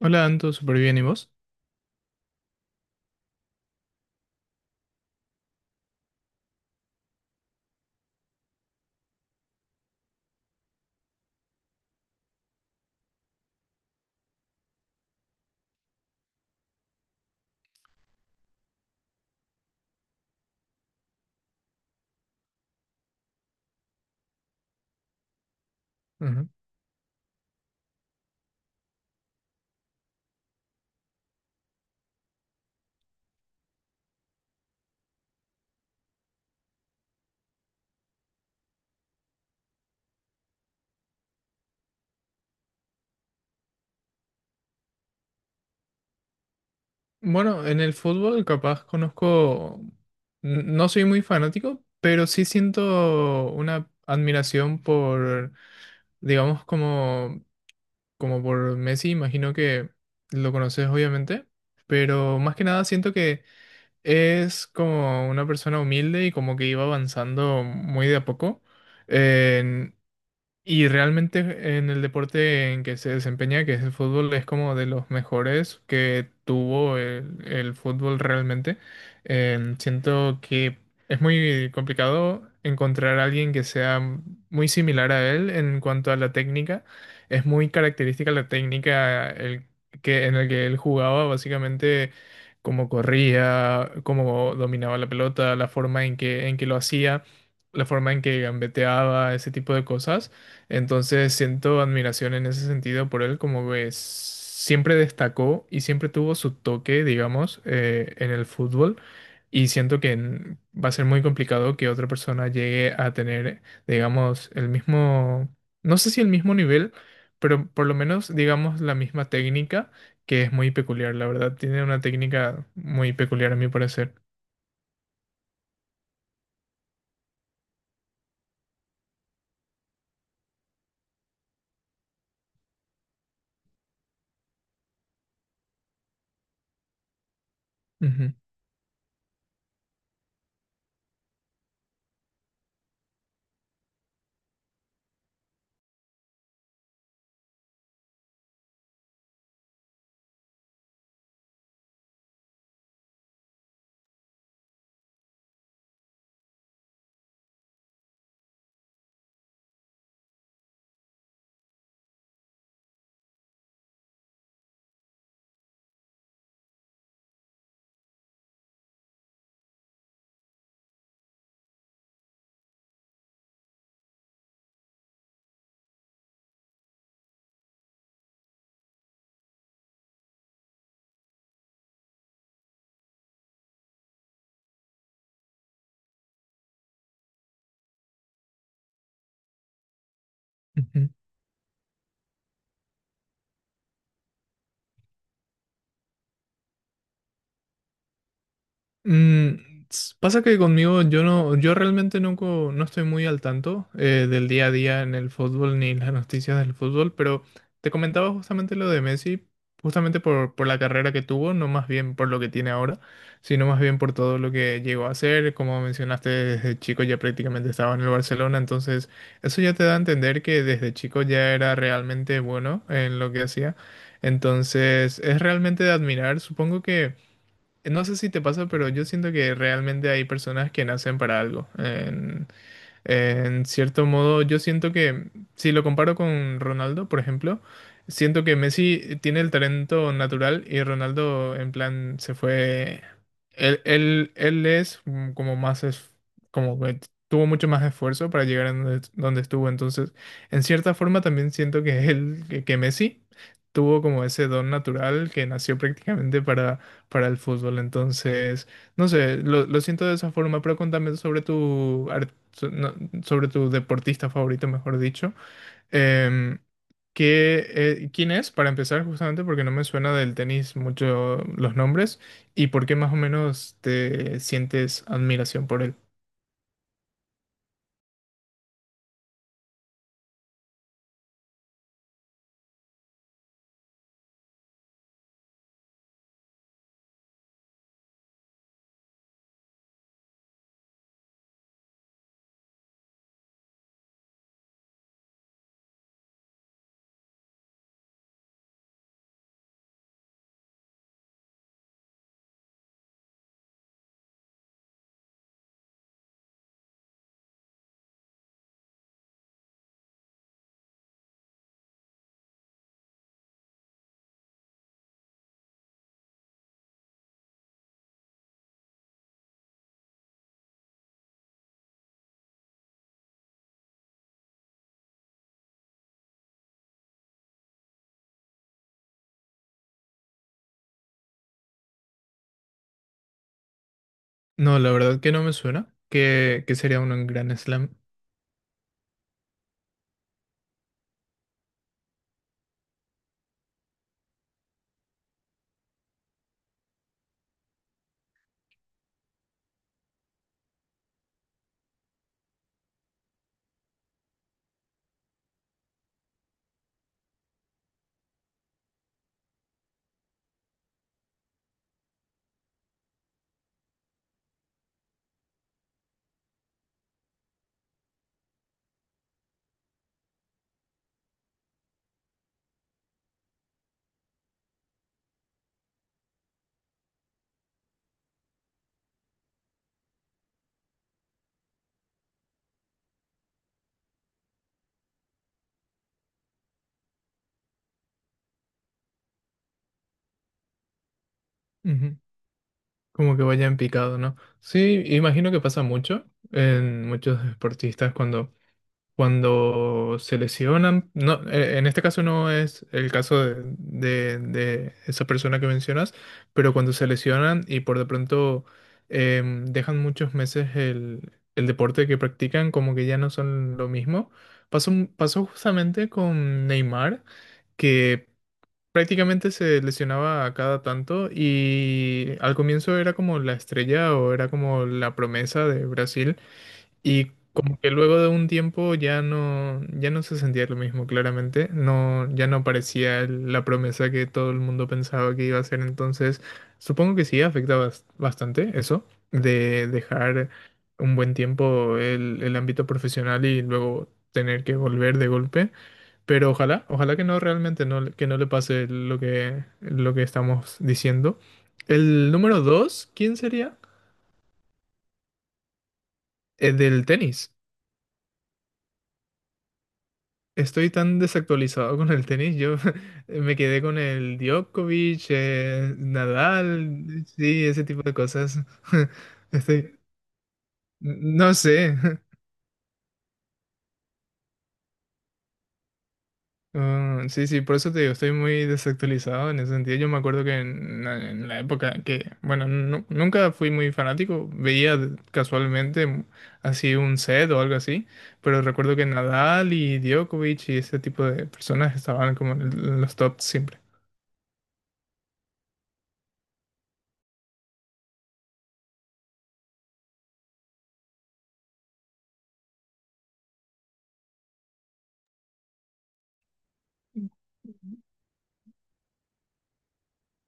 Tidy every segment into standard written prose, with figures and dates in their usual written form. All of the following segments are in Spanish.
Hola, Anto, súper bien, ¿y vos? Ujú. Bueno, en el fútbol capaz conozco, no soy muy fanático, pero sí siento una admiración por, digamos, como, como por Messi, imagino que lo conoces obviamente, pero más que nada siento que es como una persona humilde y como que iba avanzando muy de a poco. Y realmente en el deporte en que se desempeña, que es el fútbol, es como de los mejores que tuvo el fútbol realmente. Siento que es muy complicado encontrar a alguien que sea muy similar a él en cuanto a la técnica. Es muy característica la técnica el, que, en la que él jugaba, básicamente cómo corría, cómo dominaba la pelota, la forma en que lo hacía, la forma en que gambeteaba, ese tipo de cosas. Entonces siento admiración en ese sentido por él, como que siempre destacó y siempre tuvo su toque, digamos, en el fútbol. Y siento que va a ser muy complicado que otra persona llegue a tener, digamos, el mismo, no sé si el mismo nivel, pero por lo menos, digamos, la misma técnica, que es muy peculiar, la verdad. Tiene una técnica muy peculiar a mi parecer. Ujú, ujú. Mm, pasa que conmigo yo no, yo realmente no, no estoy muy al tanto del día a día en el fútbol ni las noticias del fútbol, pero te comentaba justamente lo de Messi, justamente por la carrera que tuvo, no más bien por lo que tiene ahora, sino más bien por todo lo que llegó a hacer. Como mencionaste, desde chico ya prácticamente estaba en el Barcelona, entonces eso ya te da a entender que desde chico ya era realmente bueno en lo que hacía. Entonces es realmente de admirar, supongo que… No sé si te pasa, pero yo siento que realmente hay personas que nacen para algo. En cierto modo, yo siento que, si lo comparo con Ronaldo, por ejemplo, siento que Messi tiene el talento natural y Ronaldo, en plan, se fue. Él es mm, como más. Como que tuvo mucho más esfuerzo para llegar a donde estuvo. Entonces, en cierta forma, también siento que él, que Messi tuvo como ese don natural que nació prácticamente para el fútbol. Entonces. No sé, lo siento de esa forma, pero contame sobre tu, so- no, sobre tu deportista favorito, mejor dicho. Em, ¿Qué, quién es, para empezar, justamente porque no me suena del tenis mucho los nombres y por qué más o menos te sientes admiración por él? No, la verdad que no me suena, que sería uno en Grand Slam. Ujú. Como que vaya en picado, ¿no? Sí, imagino que pasa mucho en muchos deportistas cuando cuando se lesionan, no, en este caso no es el caso de, de esa persona que mencionas, pero cuando se lesionan y por de pronto dejan muchos meses el deporte que practican, como que ya no son lo mismo. Pasó, pasó justamente con Neymar, que prácticamente se lesionaba a cada tanto y al comienzo era como la estrella o era como la promesa de Brasil y como que luego de un tiempo ya no, ya no se sentía lo mismo, claramente. No, ya no parecía la promesa que todo el mundo pensaba que iba a ser. Entonces, supongo que sí afecta bastante eso, de dejar un buen tiempo el ámbito profesional y luego tener que volver de golpe. Pero ojalá que no realmente no, que no le pase lo que estamos diciendo. El número dos, ¿quién sería? El del tenis. Estoy tan desactualizado con el tenis. Yo me quedé con el Djokovic, Nadal, sí, ese tipo de cosas. Estoy, no sé. Ah, sí, sí, por eso te digo, estoy muy desactualizado en ese sentido. Yo me acuerdo que en la época que, bueno, nunca fui muy fanático, veía casualmente así un set o algo así, pero recuerdo que Nadal y Djokovic y ese tipo de personas estaban como en los tops siempre.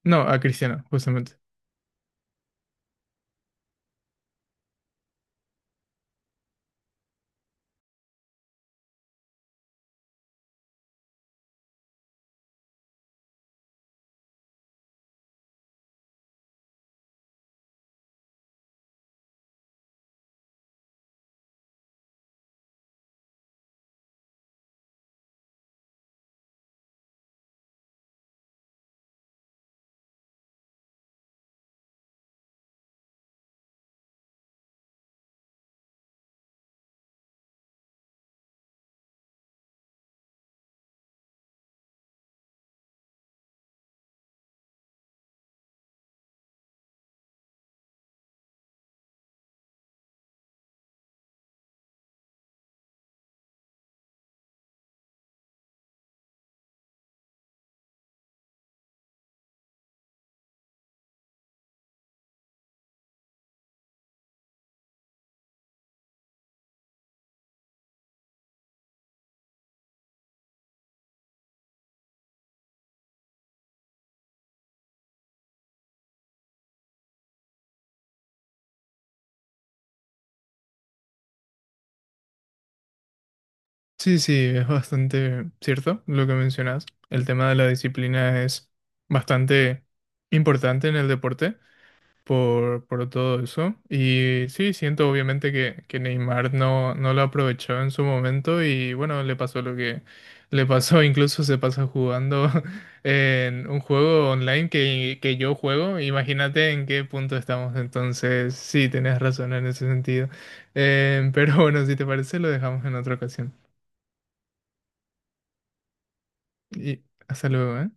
No, a Cristiano, justamente. Sí, sí, es bastante cierto lo que mencionas. El tema de la disciplina es bastante importante en el deporte por todo eso. Y sí, siento obviamente que Neymar no, no lo aprovechó en su momento y bueno, le pasó lo que le pasó. Incluso se pasa jugando en un juego online que yo juego. Imagínate en qué punto estamos. Entonces, sí, tenés razón en ese sentido. Pero bueno, si te parece, lo dejamos en otra ocasión. Y hasta luego, ¿eh?